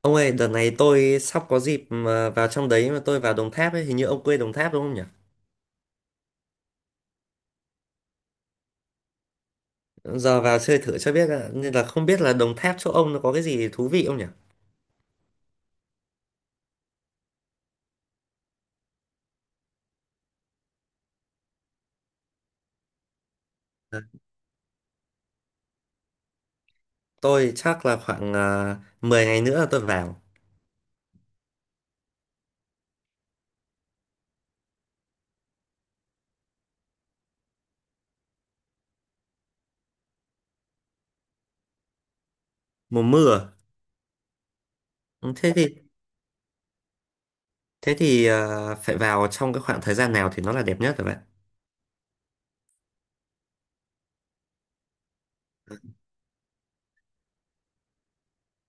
Ông ơi, đợt này tôi sắp có dịp mà vào trong đấy, mà tôi vào Đồng Tháp ấy. Hình như ông quê Đồng Tháp đúng không nhỉ? Giờ vào chơi thử cho biết ạ, nên là không biết là Đồng Tháp chỗ ông nó có cái gì thú vị không nhỉ? Ờ, tôi chắc là khoảng 10 ngày nữa là tôi vào, mùa mưa. Ừ, thế thì phải vào trong cái khoảng thời gian nào thì nó là đẹp nhất rồi bạn?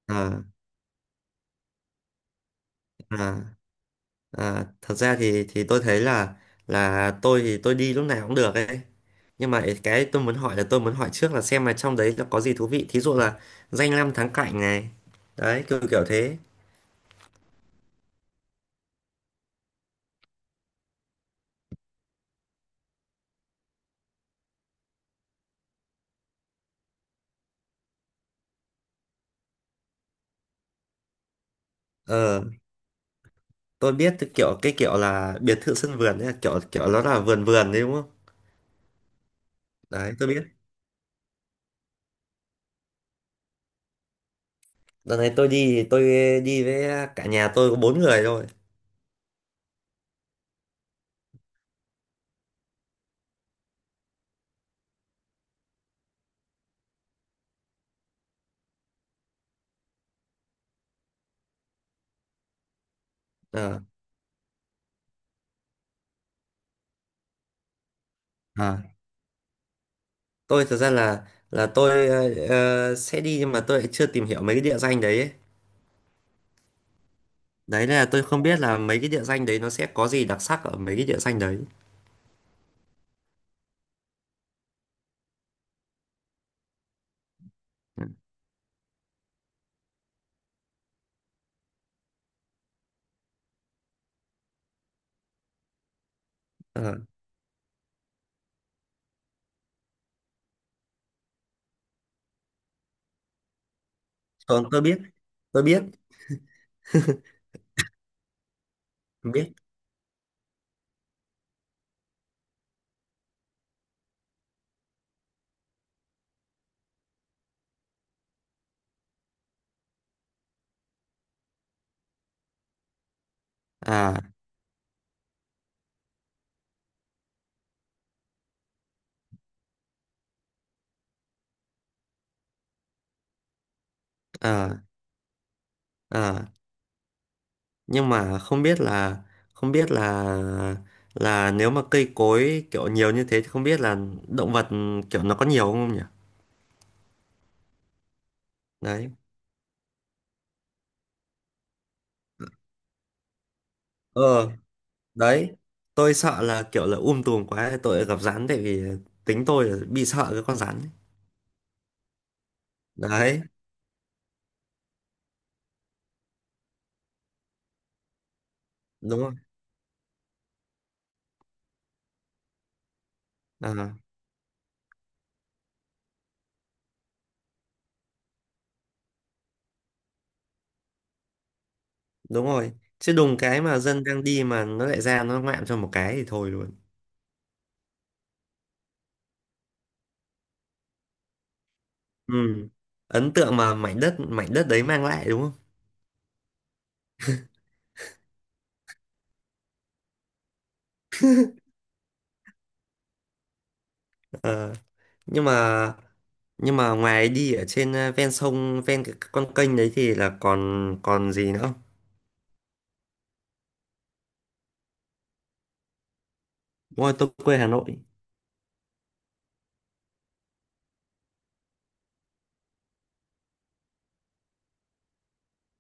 À, à, thật ra thì tôi thấy là tôi thì tôi đi lúc nào cũng được ấy, nhưng mà cái tôi muốn hỏi là tôi muốn hỏi trước là xem là trong đấy nó có gì thú vị, thí dụ là danh lam thắng cảnh này, đấy, kiểu kiểu thế. Ờ, tôi biết, cái kiểu là biệt thự sân vườn ấy, kiểu kiểu nó là vườn vườn đấy đúng không? Đấy tôi biết. Đợt này tôi đi, đi với cả nhà, tôi có 4 người thôi. Ờ, à, tôi thật ra là tôi sẽ đi, nhưng mà tôi lại chưa tìm hiểu mấy cái địa danh đấy ấy. Đấy là tôi không biết là mấy cái địa danh đấy nó sẽ có gì đặc sắc ở mấy cái địa danh đấy. Ờ, còn tôi biết, tôi biết, tôi biết. à à à nhưng mà không biết là, không biết là là nếu mà cây cối kiểu nhiều như thế thì không biết là động vật kiểu nó có nhiều không nhỉ? Đấy, ờ, đấy, tôi sợ là kiểu là tùm quá tôi lại gặp rắn, tại vì tính tôi là bị sợ cái con rắn ấy. Đấy, đúng rồi. À, đúng rồi, chứ đùng cái mà dân đang đi mà nó lại ra nó ngoạm cho một cái thì thôi luôn. Ừ, ấn tượng mà mảnh đất, mảnh đất đấy mang lại đúng không. Ờ, nhưng mà ngoài đi ở trên ven sông, ven cái con kênh đấy thì là còn còn gì nữa không? Đúng rồi, tôi quê Hà Nội.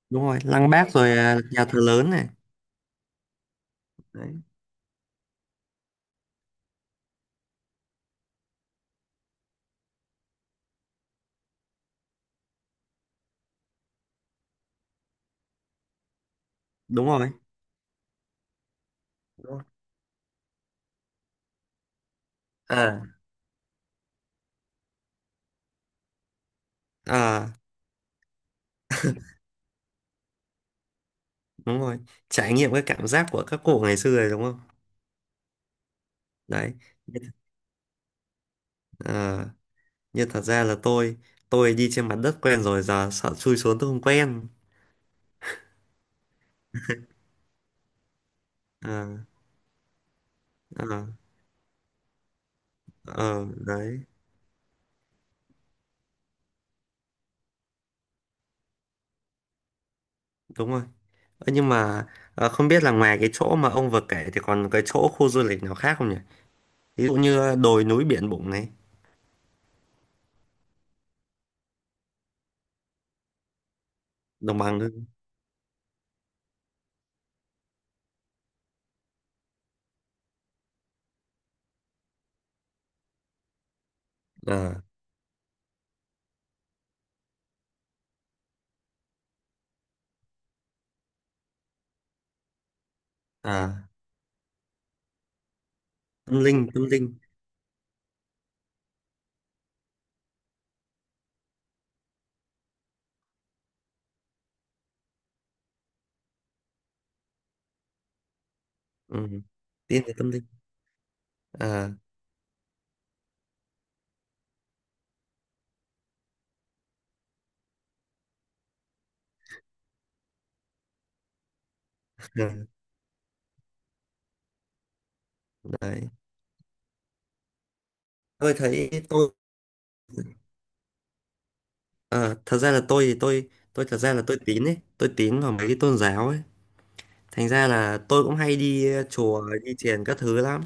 Đúng rồi, Lăng Bác rồi nhà thờ lớn này. Đấy, đúng rồi. Đúng rồi. à à Đúng rồi. Trải nghiệm cái cảm giác của các cụ ngày xưa rồi đúng không? Đấy, ờ, nhưng thật ra là tôi, đi trên mặt đất quen rồi giờ sợ chui xuống tôi không quen. à, à, ờ, Đấy, đúng rồi. Ơ, nhưng mà ờ, không biết là ngoài cái chỗ mà ông vừa kể thì còn cái chỗ khu du lịch nào khác không nhỉ? Ví dụ như đồi núi, biển bụng này, đồng bằng nữa. à, à, Tâm linh, tâm linh. Ừ. Tin về tâm linh. à, ừ. Đấy, tôi thấy tôi ờ, thật ra là tôi thì tôi, thật ra là tôi tín ấy, tôi tín vào mấy cái tôn giáo ấy. Thành ra là tôi cũng hay đi chùa, đi thiền các thứ lắm.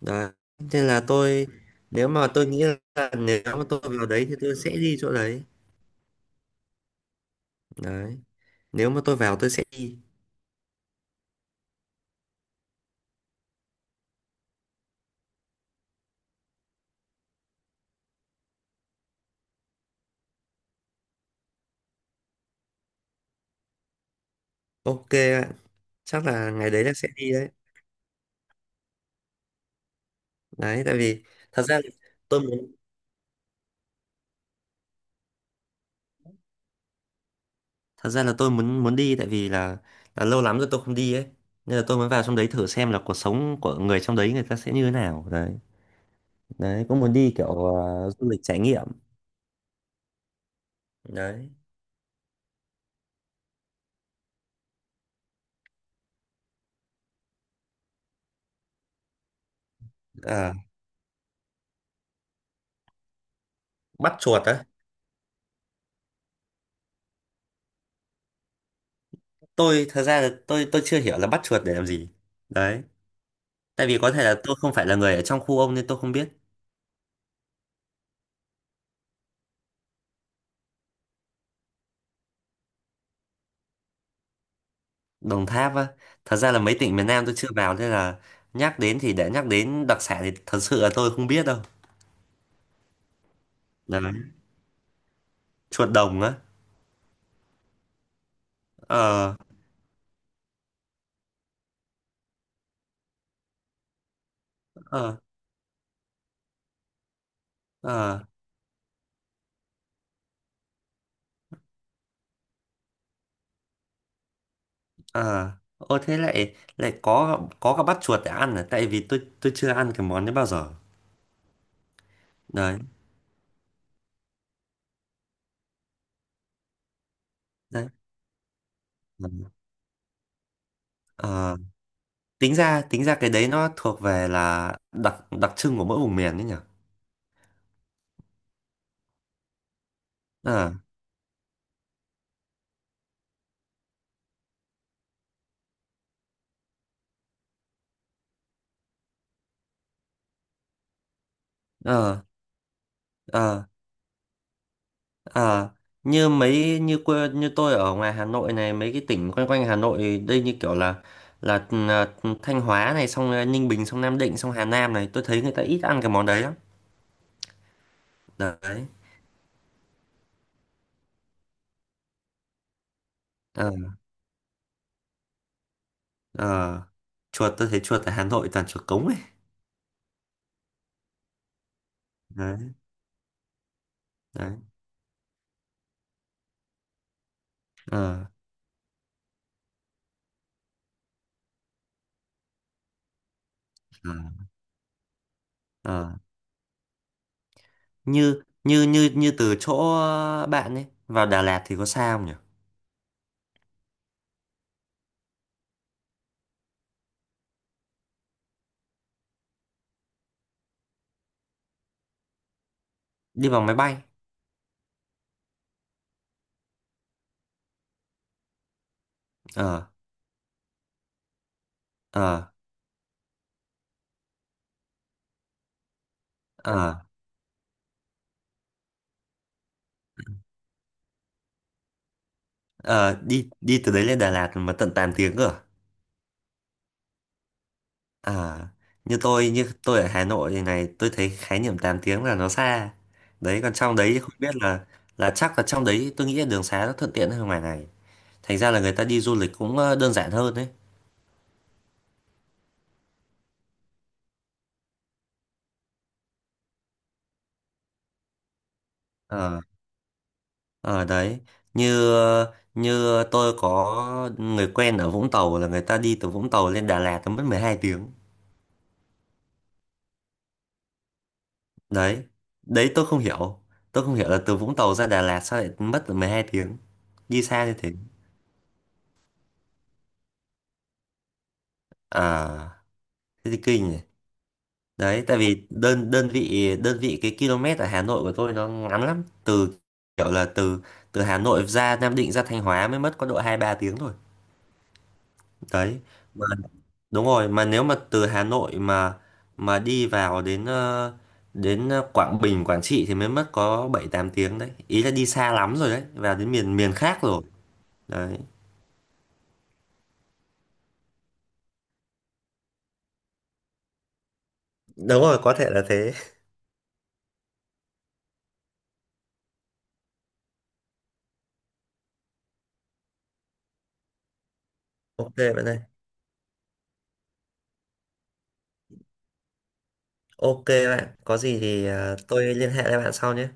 Đấy. Nên là tôi, nếu mà tôi nghĩ là nếu mà tôi vào đấy thì tôi sẽ đi chỗ đấy. Đấy. Nếu mà tôi vào tôi sẽ đi. Ok ạ. Chắc là ngày đấy là sẽ đi đấy. Đấy tại vì thật ra là tôi muốn, muốn đi tại vì là lâu lắm rồi tôi không đi ấy. Nên là tôi muốn vào trong đấy thử xem là cuộc sống của người trong đấy người ta sẽ như thế nào. Đấy. Đấy cũng muốn đi kiểu du lịch trải nghiệm. Đấy. À, bắt chuột á. Tôi thật ra là tôi, chưa hiểu là bắt chuột để làm gì. Đấy, tại vì có thể là tôi không phải là người ở trong khu ông nên tôi không biết. Đồng Tháp á, thật ra là mấy tỉnh miền Nam tôi chưa vào nên là nhắc đến thì nhắc đến đặc sản thì thật sự là tôi không biết đâu. Đấy, chuột đồng á. Ờ, ờ, ờ, ờ, ô thế lại, lại có cả bắt chuột để ăn à, tại vì tôi, chưa ăn cái món đấy bao giờ. Đấy. Đấy. Ừ. Ờ, tính ra, tính ra cái đấy nó thuộc về là đặc, đặc trưng của mỗi vùng miền đấy nhỉ. Ờ, ờ, ờ, ờ, như mấy, như quê, như tôi ở ngoài Hà Nội này, mấy cái tỉnh quanh quanh Hà Nội đây như kiểu là là, là Thanh Hóa này, xong là Ninh Bình, xong Nam Định, xong Hà Nam này, tôi thấy người ta ít ăn cái món đấy lắm. Đấy, ờ, ờ, chuột tôi thấy chuột ở Hà Nội toàn chuột cống ấy. Đấy. Đấy. Ờ, ờ, ờ. Như như như như từ chỗ bạn ấy vào Đà Lạt thì có xa không nhỉ? Đi bằng máy bay. Ờ, ờ, ờ, ờ, đi đi từ đấy lên Đà Lạt mà tận 8 tiếng cơ à? À, như tôi, ở Hà Nội thì này, tôi thấy khái niệm 8 tiếng là nó xa. Đấy còn trong đấy thì không biết là chắc là trong đấy tôi nghĩ là đường xá nó thuận tiện hơn ngoài này, thành ra là người ta đi du lịch cũng đơn giản hơn đấy. Ờ, ờ, đấy, như như tôi có người quen ở Vũng Tàu, là người ta đi từ Vũng Tàu lên Đà Lạt nó mất 12 tiếng. Đấy. Đấy, tôi không hiểu, tôi không hiểu là từ Vũng Tàu ra Đà Lạt sao lại mất 12 tiếng, đi xa như thế. À thế thì kinh nhỉ. Đấy, tại vì đơn, đơn vị, đơn vị cái km ở Hà Nội của tôi nó ngắn lắm. Từ kiểu là từ từ Hà Nội ra Nam Định, ra Thanh Hóa mới mất có độ 2 3 tiếng thôi. Đấy, mà đúng rồi, mà nếu mà từ Hà Nội mà đi vào đến Quảng Bình, Quảng Trị thì mới mất có 7 8 tiếng đấy, ý là đi xa lắm rồi đấy, vào đến miền, miền khác rồi. Đấy. Đúng rồi, có thể là thế. Ok bạn ơi. Ok bạn, có gì thì tôi liên hệ lại bạn sau nhé.